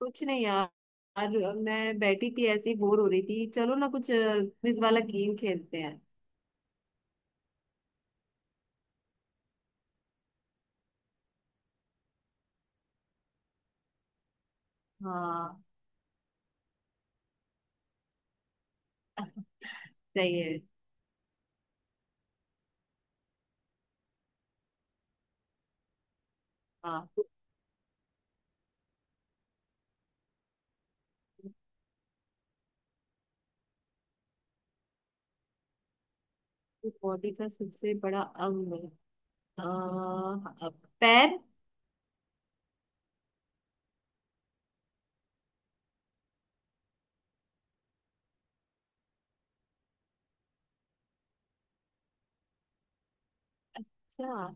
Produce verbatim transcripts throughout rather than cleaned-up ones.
कुछ नहीं यार। यार, मैं बैठी थी ऐसे ही बोर हो रही थी, चलो ना कुछ क्विज वाला गेम खेलते हैं। हाँ। सही है। हाँ। बॉडी का सबसे बड़ा अंग अ, अ, पैर। अच्छा।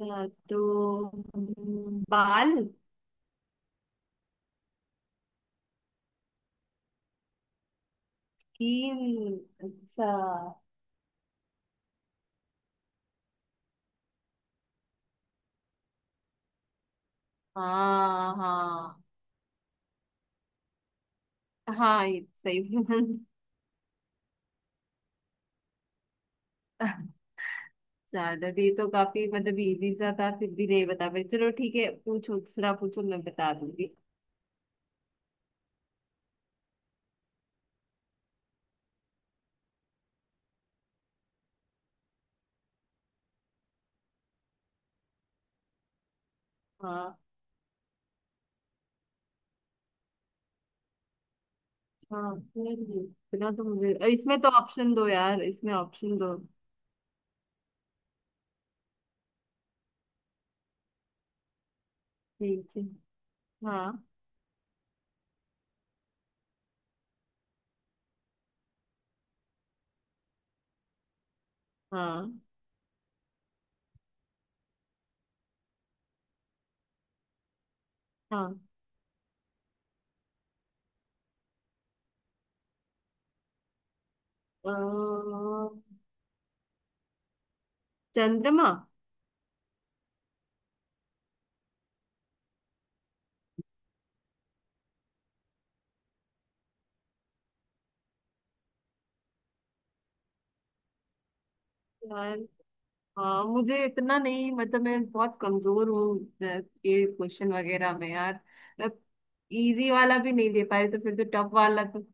अच्छा तो हम्म, बाल। कील। अच्छा। हाँ हाँ हाँ, ये सही। ज्यादा ये तो काफी मतलब इजी सा था फिर भी नहीं बता पाई। चलो ठीक है, पूछो दूसरा पूछो, मैं बता दूंगी। हाँ। हाँ नहीं नहीं, इतना तो मुझे अ, इसमें तो ऑप्शन दो यार, इसमें ऑप्शन दो। ठीक है। हाँ। हाँ हाँ, अ, चंद्रमा। यार हाँ, मुझे इतना नहीं मतलब मैं बहुत कमजोर हूँ अ, ये क्वेश्चन वगैरह में यार। इजी वाला भी नहीं दे पा रही तो फिर तो टफ वाला तो।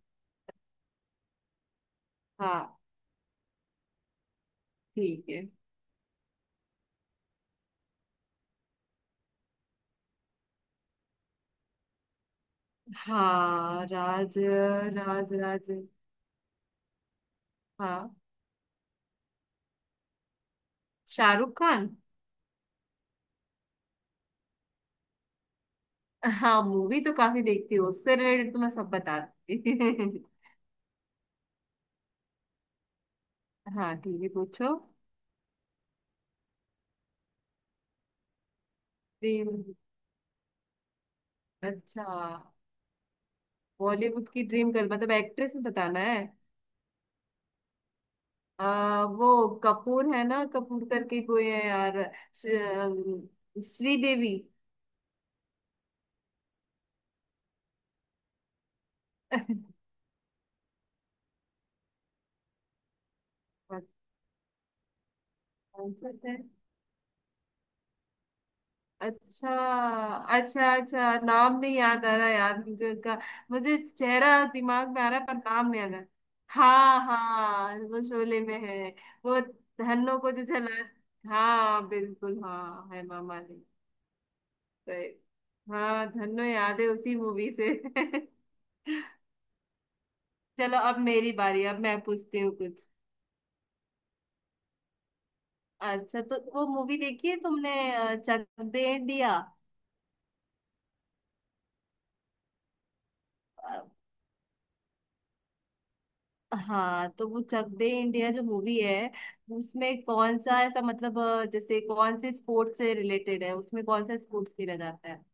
हाँ ठीक है। हाँ राज। राज राज। हाँ शाहरुख खान। हाँ मूवी तो काफी देखती हूँ, उससे रिलेटेड तो मैं सब बताती हाँ ठीक है, पूछो। ड्रीम। अच्छा। बॉलीवुड की ड्रीम गर्ल मतलब एक्ट्रेस में बताना है। आ, वो कपूर है ना, कपूर करके कोई है यार। श्री, श्रीदेवी। कौन सा है? अच्छा। अच्छा, अच्छा नाम नहीं याद आ रहा यार मुझे उनका। मुझे चेहरा दिमाग में आ रहा है पर नाम नहीं आ रहा। हाँ हाँ, वो शोले में है। वो धन्नो को जो जला। हाँ बिल्कुल, हाँ है मामा ने। सही। हाँ धन्नो याद है, उसी मूवी से चलो अब मेरी बारी, अब मैं पूछती हूँ कुछ। अच्छा, तो वो मूवी देखी है तुमने, अ, चक दे इंडिया। हाँ तो वो चक दे इंडिया जो मूवी है, उसमें कौन सा ऐसा मतलब अ, जैसे कौन से स्पोर्ट्स से रिलेटेड है, उसमें कौन सा स्पोर्ट्स खेला जाता है?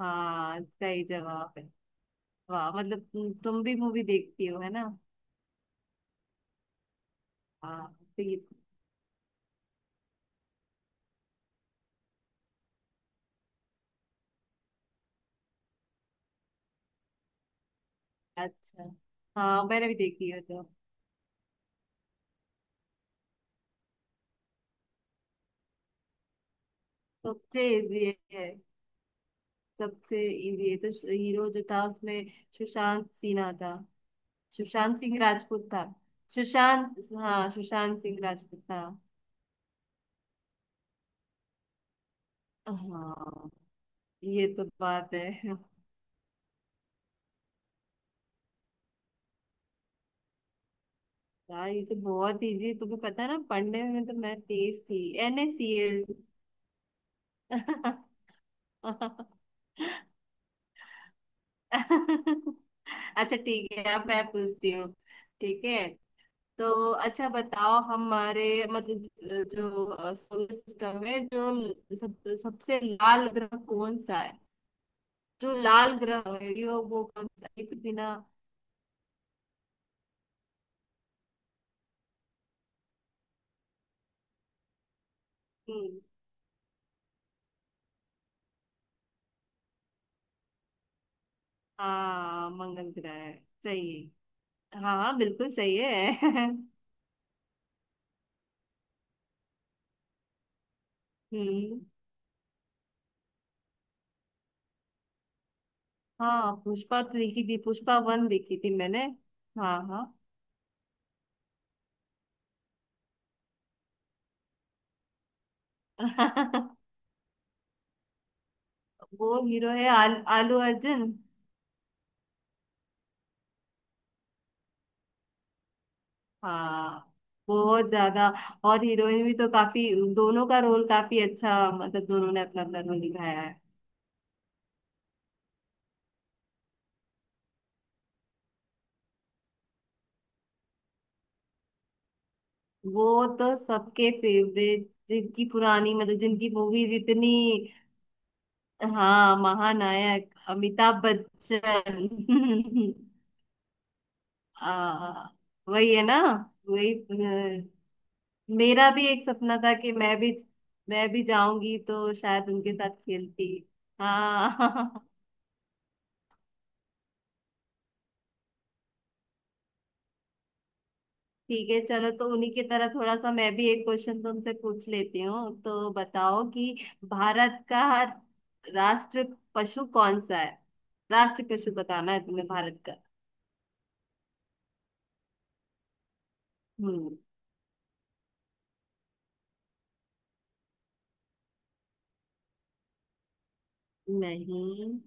हाँ सही जवाब है। वाह मतलब तुम तुम भी मूवी देखती हो है ना। हाँ तो ये। अच्छा। हाँ मैंने भी देखी है, तो सबसे इजी है। सबसे इजी है तो हीरो जो था उसमें सुशांत सिन्हा था, सुशांत सिंह राजपूत था। सुशांत। हाँ सुशांत सिंह राजपूत था। हाँ ये तो बात है। यार ये तो बहुत इजी, तुम्हें पता है ना पढ़ने में तो मैं तेज थी, एन ए सी एल। अच्छा ठीक है, अब मैं पूछती हूँ। ठीक है, तो अच्छा बताओ हमारे मतलब जो सोलर सिस्टम है, जो सब सबसे लाल ग्रह कौन सा है? जो लाल ग्रह है यो वो कौन सा है? ये तो बिना। हम्म, हाँ मंगल ग्रह है। सही है। हाँ हाँ बिल्कुल सही है। हम्म। हाँ पुष्पा तो देखी थी, पुष्पा वन देखी थी मैंने। हाँ हाँ। वो हीरो है आल, आलू अर्जुन। हाँ। बहुत ज्यादा। और हीरोइन भी तो काफी। दोनों का रोल काफी अच्छा, मतलब दोनों ने अपना अपना रोल निभाया है। वो तो सबके फेवरेट, जिनकी पुरानी मतलब जिनकी मूवीज इतनी। हाँ महानायक अमिताभ बच्चन। आ, वही है ना। वही। मेरा भी एक सपना था कि मैं भी, मैं भी जाऊंगी तो शायद उनके साथ खेलती। हाँ ठीक है, चलो तो उन्हीं की तरह थोड़ा सा मैं भी एक क्वेश्चन तुमसे पूछ लेती हूँ, तो बताओ कि भारत का राष्ट्र पशु कौन सा है? राष्ट्र पशु बताना है तुम्हें, भारत का। हम्म। नहीं।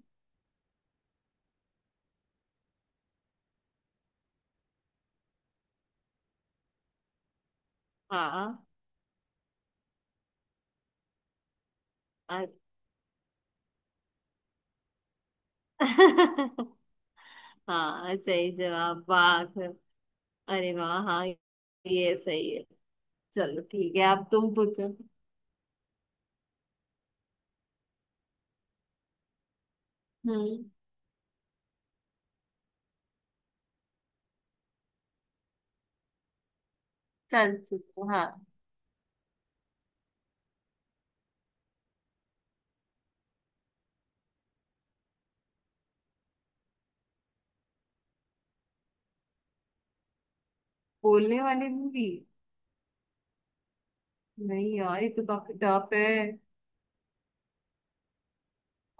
हाँ। अ- हाँ सही जवाब, वाह। अरे वाह हाँ ये सही है। चलो ठीक है, अब तुम पूछो। हम्म। चल चुप हाँ। बोलने वाली मूवी। नहीं यार ये तो काफी टफ है।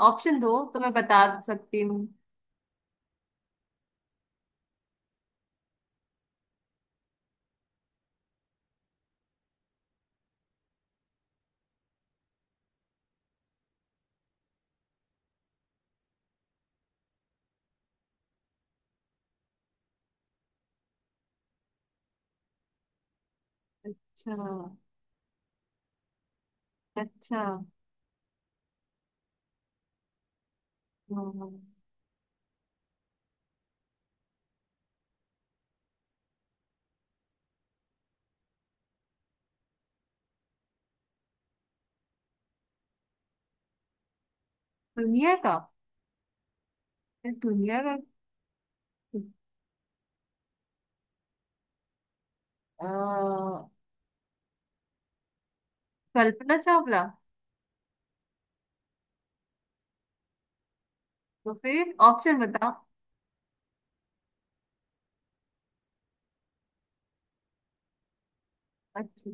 ऑप्शन दो तो मैं बता सकती हूँ। अच्छा। अच्छा। हाँ। हाँ। दुनिया का। ये दुनिया का अ, कल्पना चावला। तो फिर ऑप्शन बताओ। अच्छा।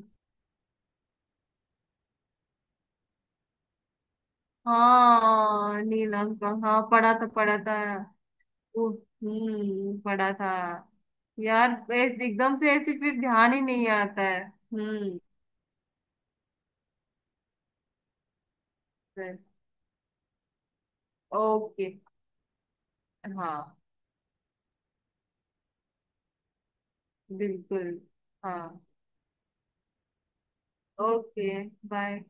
हाँ नीलम का, हाँ पढ़ा था पढ़ा था। ओ, हम्म पढ़ा था। यार ए- एकदम से ऐसे फिर ध्यान ही नहीं आता है। हम्म। ओके। हाँ बिल्कुल। हाँ। ओके। बाय।